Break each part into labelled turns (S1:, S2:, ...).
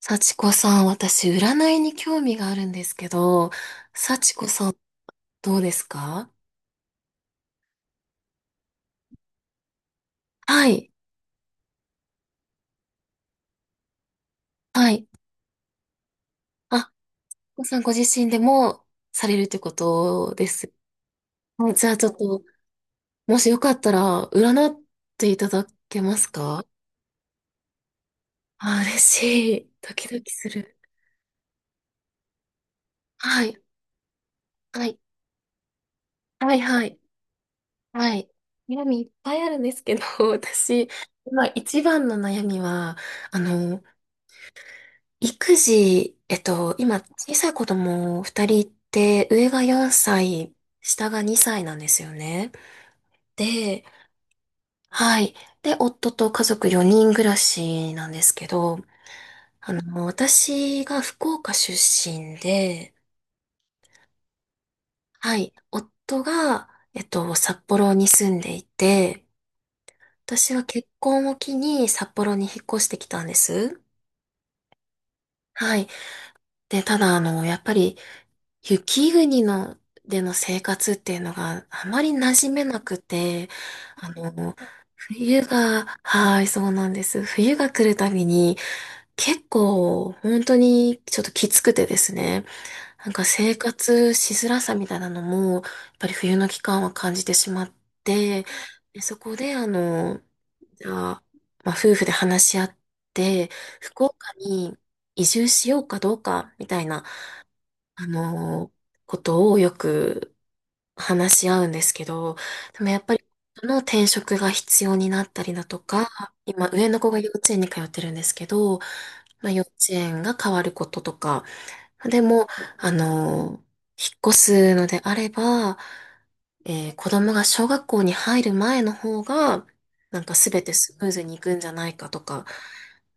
S1: 幸子さん、私、占いに興味があるんですけど、幸子さん、どうですか？はい、はい。あ、幸子さんご自身でもされるってことです。もうじゃあちょっと、もしよかったら、占っていただけますか？あ、嬉しい。ドキドキする。はい、はい、はい、はい、はい。悩みいっぱいあるんですけど、私、今一番の悩みは、あの、育児、今、小さい子供二人いて、上が4歳、下が2歳なんですよね。で、はい。で、夫と家族4人暮らしなんですけど、あの、私が福岡出身で、はい。夫が、札幌に住んでいて、私は結婚を機に札幌に引っ越してきたんです。はい。で、ただ、あの、やっぱり、雪国のでの生活っていうのがあまり馴染めなくて、あの、冬が、はい、そうなんです。冬が来るたびに結構本当にちょっときつくてですね、なんか生活しづらさみたいなのも、やっぱり冬の期間は感じてしまって、で、そこであの、じゃあ、まあ、夫婦で話し合って、福岡に移住しようかどうかみたいな、あの、ことをよく話し合うんですけど、でもやっぱり、この転職が必要になったりだとか、今、上の子が幼稚園に通ってるんですけど、まあ、幼稚園が変わることとか、でも、あの、引っ越すのであれば、子供が小学校に入る前の方が、なんか全てスムーズにいくんじゃないかとか。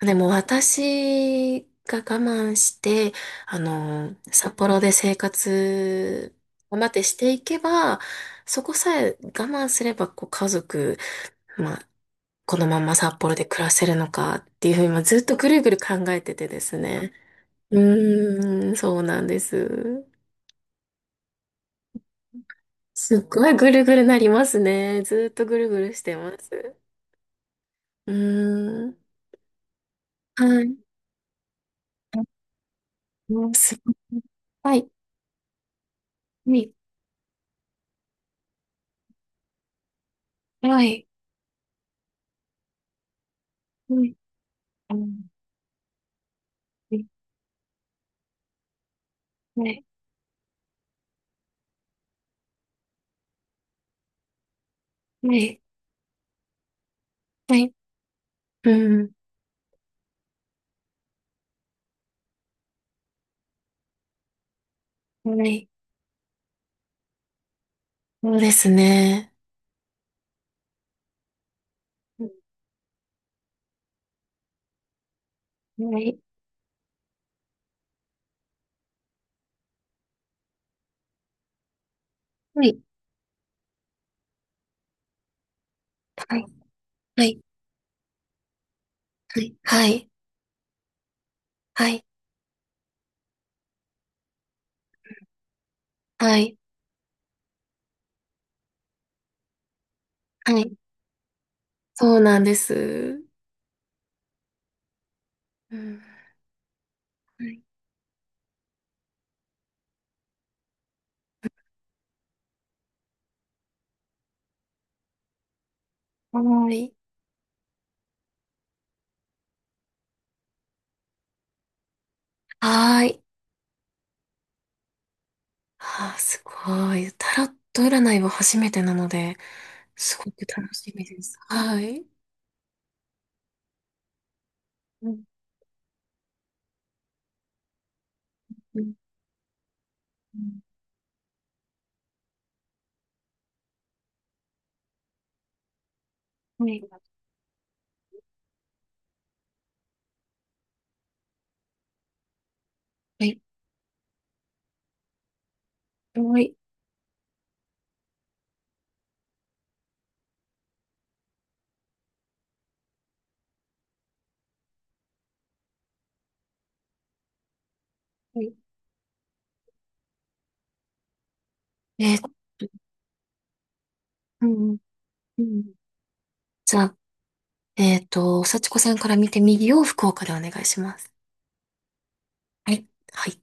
S1: でも私が我慢して、あの、札幌で生活を待ってしていけば、そこさえ我慢すれば、こう家族、まあ、このまま札幌で暮らせるのかっていうふうに、まずっとぐるぐる考えててですね。うーん、そうなんです。すっごいぐるぐるなりますね。ずっとぐるぐるしてます。うーん。はい。うん、すごい。はい。はい。はい。はい。うん。はい。はい。はい。うん。はい。そうですね。うん、はい。はい。はい。はい。はい。はい。はい。はい。そうなんです。うん。はい。はい。はい。あー、すごい。タロット占いは初めてなので、すごく楽しみです。はい。うん。うん。うん、はい。はい。はい。えーっと、うん、うん。じゃあ、えーっと、幸子さんから見て右を福岡でお願いします。はい。はい。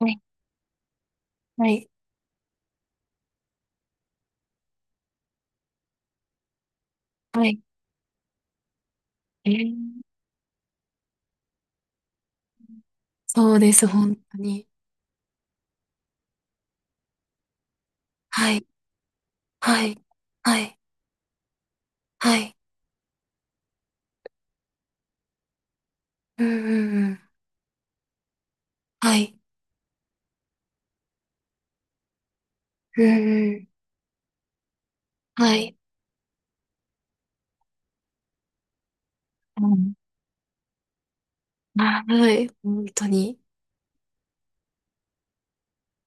S1: はい。はい。はい。えー、そうです、本当に。はい。はい。はい。はい。うんうんうん。はい。うんうん。はい。うん。はい。本当に。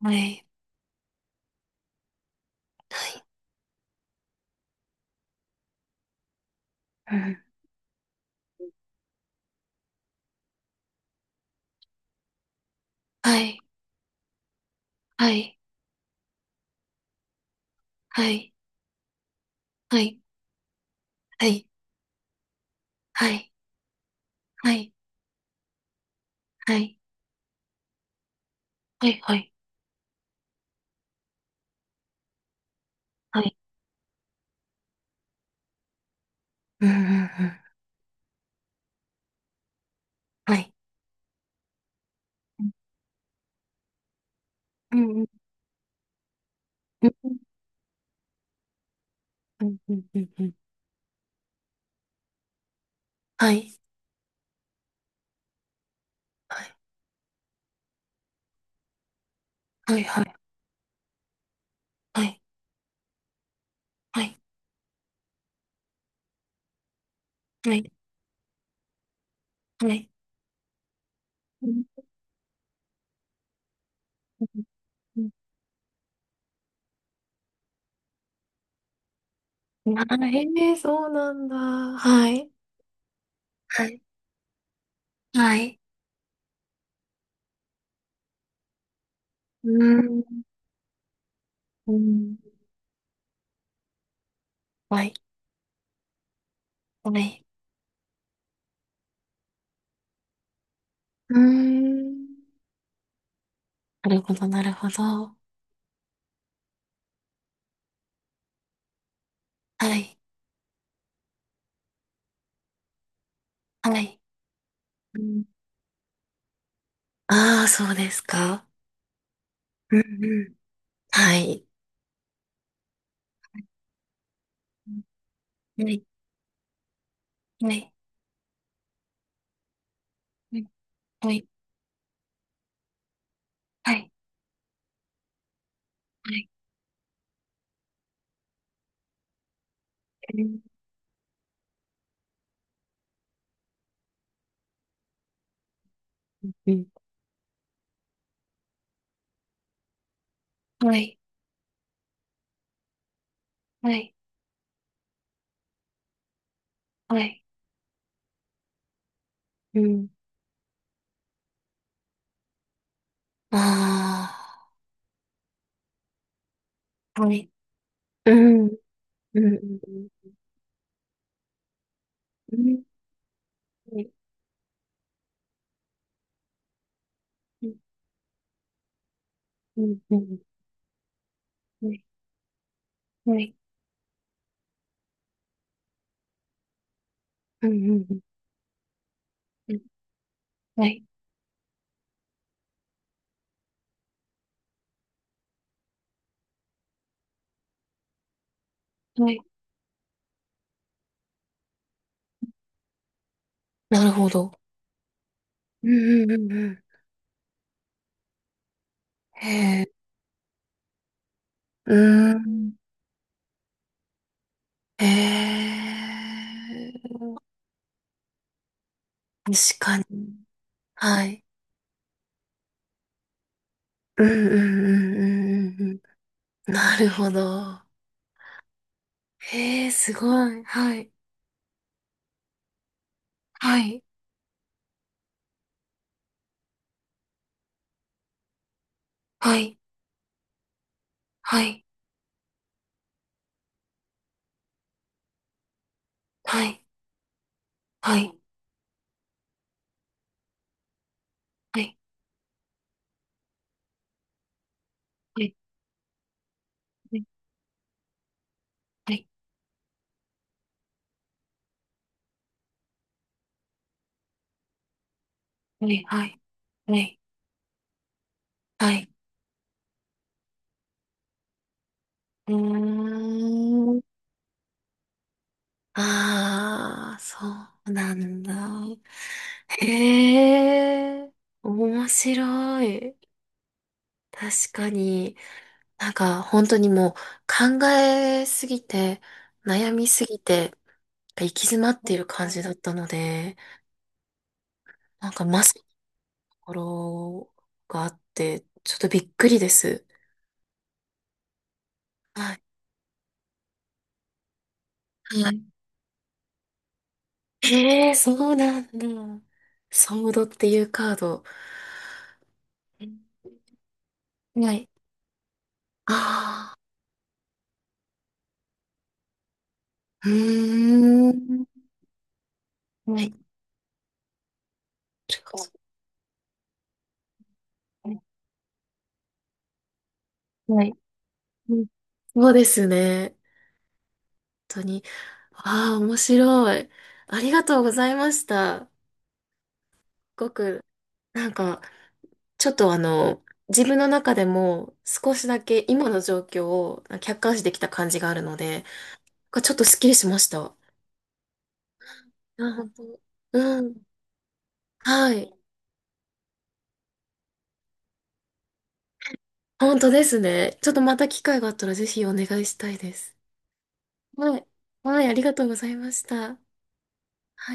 S1: はい。はい。うん。はい。はい。はい。はい。はい。はい。はい。はい。はい。はい。はい。うんうんうん。はい。うんうんうん、うん、うん、うん。うん、はい、はい、はい、はい、はい、はい、はい、はい。うん、うん、うん。うん、あ、へえ、そうなんだ。はい、はい、はい。うん、うん。はい、はい。うん。なるほど、なるほど。はい、はい。うん、ああ、そうですか。うん、うん。はい。はい、はい、はい、はい、はい。はい、うん、うん、はい、はい、はい。うん、ああ、はい。うん、うん、うん、うん、はい、うん、うん、うん、はい、うん、うん、うんうん、はい、はい。なるほど。うん、うん、うん、うん。へえ、うん、へえ、確かに。はい。うん、うん、うん、うん、うんうん。なるほど。へえ、すごい。はい、はい、はい、はい、はい、はい、はい、はい、はい、はい、はい、はい。はい、うーん。ああ、そうなんだ。へえ、面白い。確かに、なんか本当にもう考えすぎて、悩みすぎて、行き詰まっている感じだったので、なんかまさにところがあって、ちょっとびっくりです。はい。はい。へえ、そうなんだ。ソードっていうカード。うん、はい。ああ。うーん。はねい。ちょっと、はい。うん、そうですね。本当に。ああ、面白い。ありがとうございました。すごく、なんか、ちょっとあの、自分の中でも少しだけ今の状況を客観視できた感じがあるので、ちょっとスッキリしました。あ、本当。うん。はい。本当ですね。ちょっとまた機会があったらぜひお願いしたいです。はい。はい、ありがとうございました。